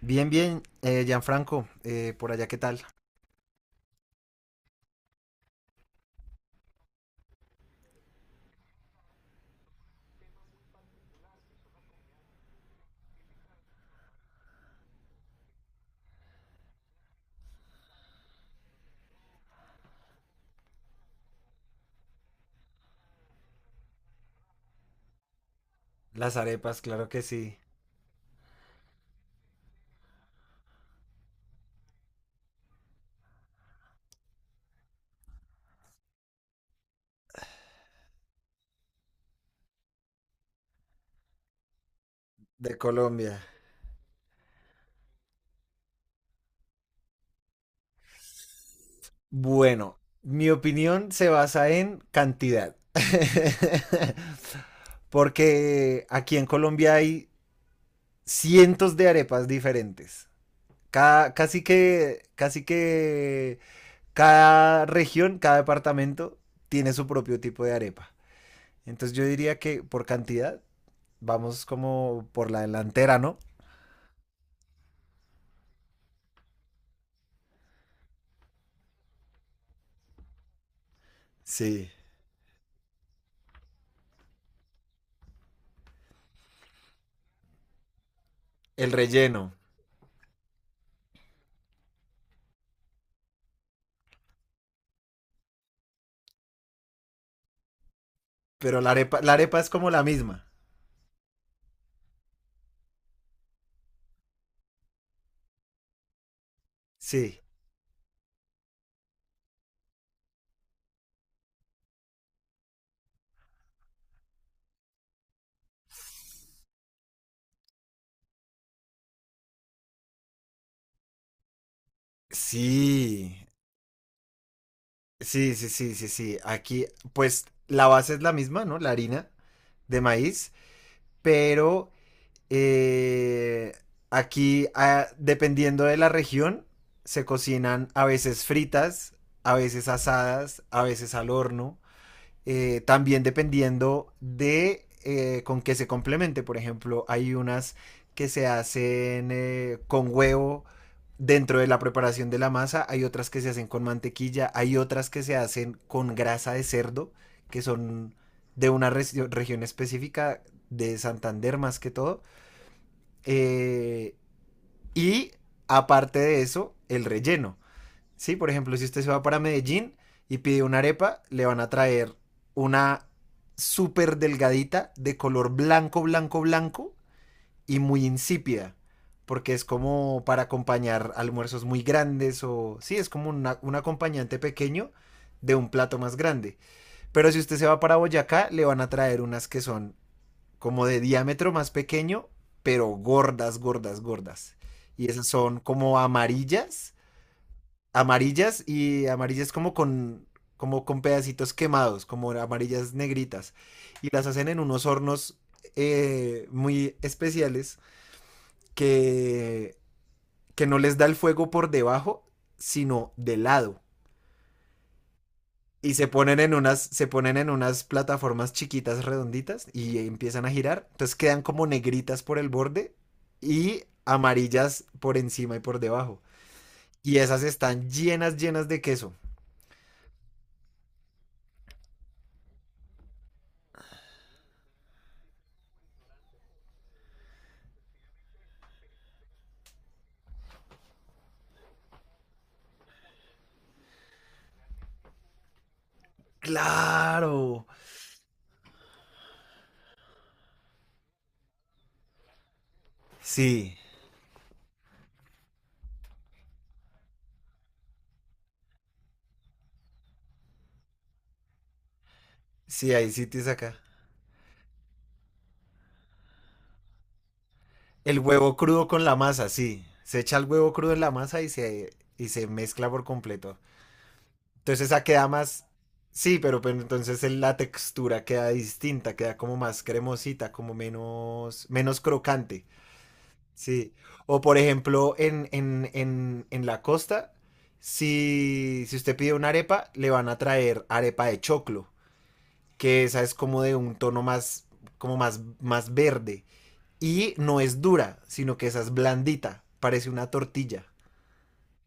Bien, bien, Gianfranco, por allá, ¿qué tal? Las arepas, claro que sí. De Colombia. Bueno, mi opinión se basa en cantidad. Porque aquí en Colombia hay cientos de arepas diferentes. Casi que cada región, cada departamento tiene su propio tipo de arepa. Entonces yo diría que por cantidad vamos como por la delantera, ¿no? Sí. El relleno. Pero la arepa es como la misma. Sí. Sí. Sí, sí, sí, sí, sí. Aquí, pues la base es la misma, ¿no? La harina de maíz. Pero eh, aquí, dependiendo de la región, se cocinan a veces fritas, a veces asadas, a veces al horno. También dependiendo de con qué se complemente. Por ejemplo, hay unas que se hacen con huevo dentro de la preparación de la masa, hay otras que se hacen con mantequilla, hay otras que se hacen con grasa de cerdo, que son de una re región específica de Santander más que todo. Eh, y aparte de eso, el relleno. Sí, por ejemplo, si usted se va para Medellín y pide una arepa, le van a traer una súper delgadita de color blanco, blanco, blanco y muy insípida. Porque es como para acompañar almuerzos muy grandes o... Sí, es como un acompañante pequeño de un plato más grande. Pero si usted se va para Boyacá, le van a traer unas que son como de diámetro más pequeño, pero gordas, gordas, gordas. Y esas son como amarillas amarillas y amarillas como con pedacitos quemados, como amarillas negritas. Y las hacen en unos hornos muy especiales que, que no les da el fuego por debajo, sino de lado. Y se ponen en unas plataformas chiquitas redonditas y empiezan a girar. Entonces quedan como negritas por el borde y amarillas por encima y por debajo. Y esas están llenas, llenas de queso. Claro. Sí, sí, hay sitios acá. El huevo crudo con la masa, sí. Se echa el huevo crudo en la masa y se mezcla por completo. Entonces esa queda más... Sí, pero entonces la textura queda distinta, queda como más cremosita, como menos, menos crocante. Sí. O por ejemplo, en la costa, si usted pide una arepa, le van a traer arepa de choclo, que esa es como de un tono más, como más, más verde. Y no es dura, sino que esa es blandita, parece una tortilla.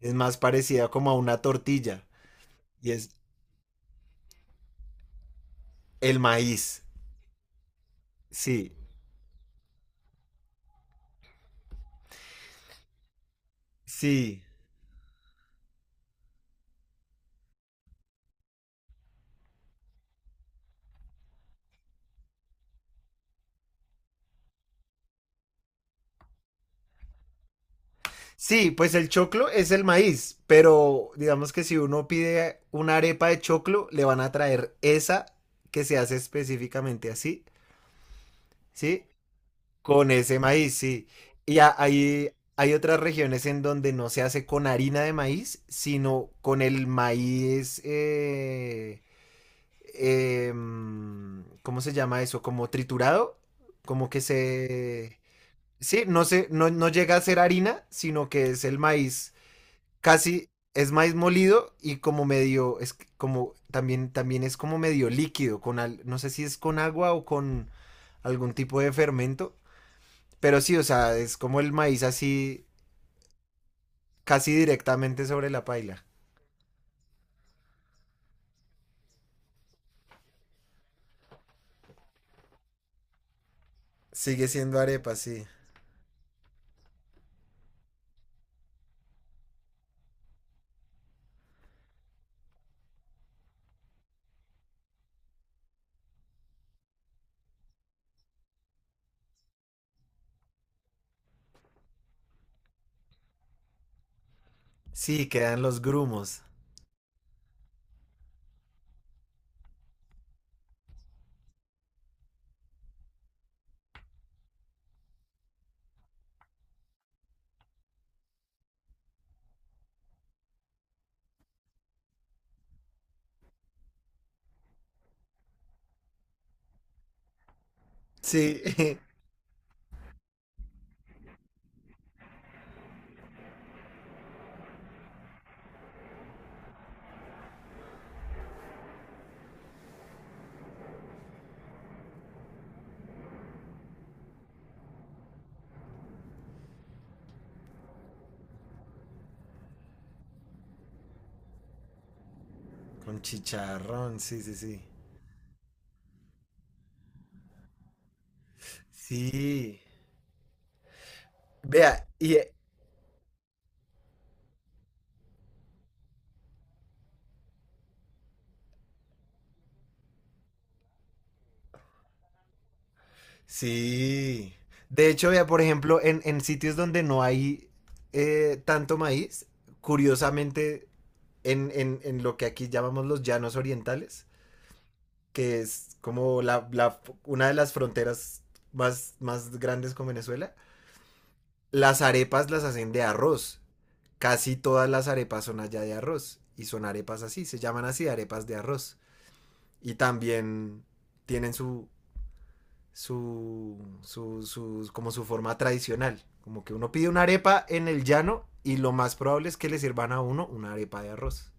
Es más parecida como a una tortilla. Y es el maíz. Sí, sí. Sí, pues el choclo es el maíz, pero digamos que si uno pide una arepa de choclo, le van a traer esa que se hace específicamente así, ¿sí? Con ese maíz, sí. Y hay otras regiones en donde no se hace con harina de maíz, sino con el maíz eh, ¿cómo se llama eso? Como triturado, como que se... Sí, no, no llega a ser harina, sino que es el maíz casi, es maíz molido y como medio, es como también es como medio líquido con al, no sé si es con agua o con algún tipo de fermento, pero sí, o sea, es como el maíz así casi directamente sobre la paila. Sigue siendo arepa, sí. Sí, quedan los grumos. Sí. Con chicharrón, sí, sí, sí. Sí. Vea, y sí. De hecho, vea, por ejemplo, en sitios donde no hay tanto maíz, curiosamente, en lo que aquí llamamos los llanos orientales, que es como una de las fronteras más grandes con Venezuela, las arepas las hacen de arroz. Casi todas las arepas son allá de arroz. Y son arepas así, se llaman así arepas de arroz. También tienen como su forma tradicional. Como que uno pide una arepa en el llano y lo más probable es que le sirvan a uno una arepa de arroz.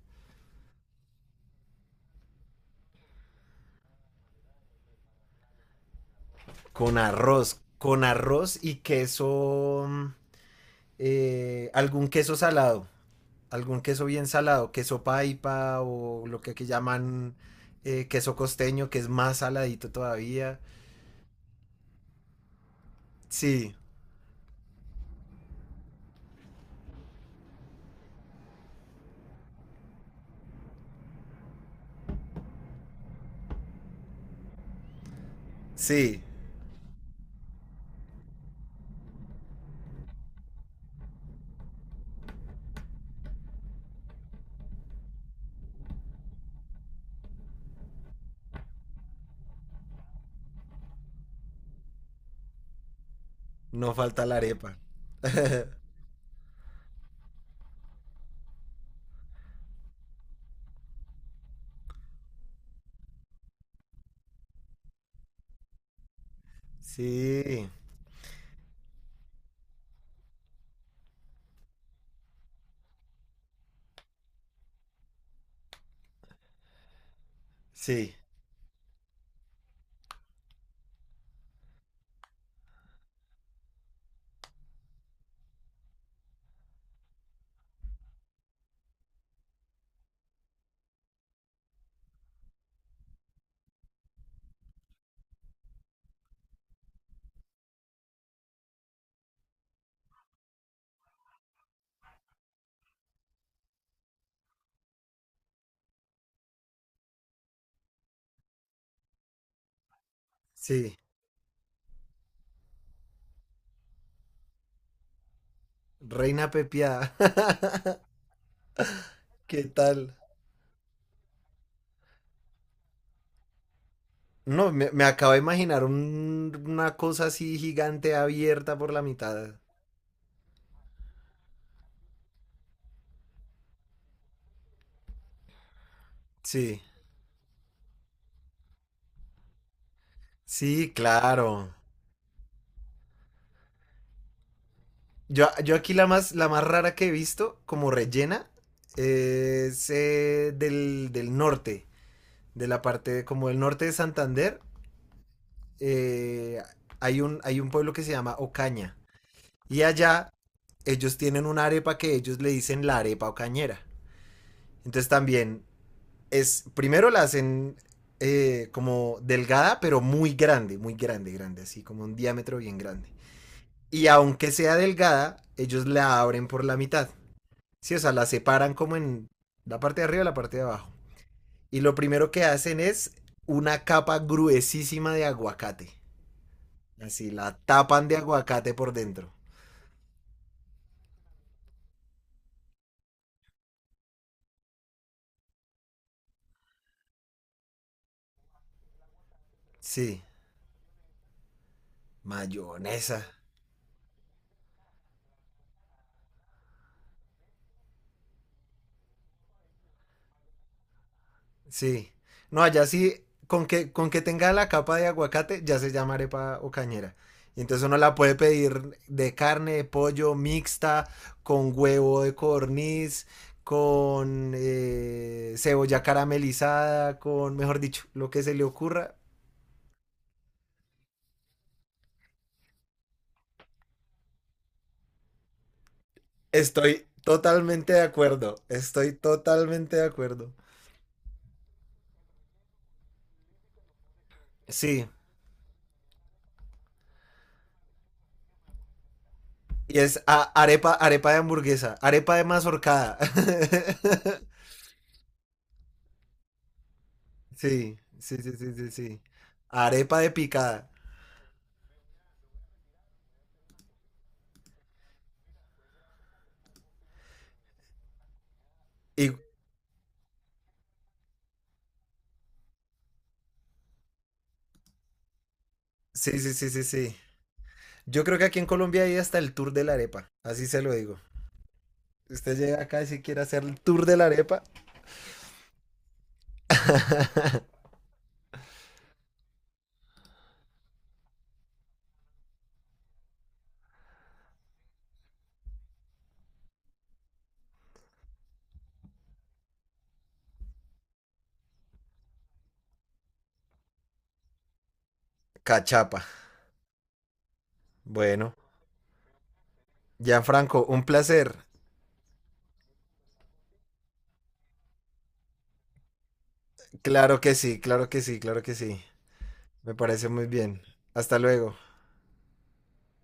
Con arroz, con arroz y queso, algún queso salado, algún queso bien salado, queso paipa o lo que aquí llaman queso costeño, que es más saladito todavía. Sí, sí, no falta la arepa. Sí, sí, sí. Reina Pepiada. ¿Qué tal? No, me acabo de imaginar una cosa así gigante abierta por la mitad. Sí, sí, claro. Yo aquí la más rara que he visto, como rellena, es del norte, de la parte de- como del norte de Santander. eh, hay un pueblo que se llama Ocaña. Y allá ellos tienen una arepa que ellos le dicen la arepa ocañera. Entonces también primero la hacen como delgada, pero muy grande, grande, así como un diámetro bien grande. Y aunque sea delgada, ellos la abren por la mitad. Sí, o sea, la separan como en la parte de arriba y la parte de abajo. Y lo primero que hacen es una capa gruesísima de aguacate. Así, la tapan de aguacate por dentro. Sí, mayonesa. Sí. No, allá sí, con que tenga la capa de aguacate, ya se llama arepa o cañera. Y entonces uno la puede pedir de carne, de pollo, mixta, con huevo de codorniz, con cebolla caramelizada, con, mejor dicho, lo que se le ocurra. Estoy totalmente de acuerdo, estoy totalmente de acuerdo. Sí, y es arepa de hamburguesa, arepa de mazorcada. Sí, sí, sí, sí, sí, sí. Arepa de picada. Y sí, sí, sí, sí, sí. Yo creo que aquí en Colombia hay hasta el tour de la arepa. Así se lo digo. Usted llega acá y si quiere hacer el tour de la arepa. Cachapa. Bueno, Franco, un placer. Claro que sí, claro que sí, claro que sí. Me parece muy bien. Hasta luego.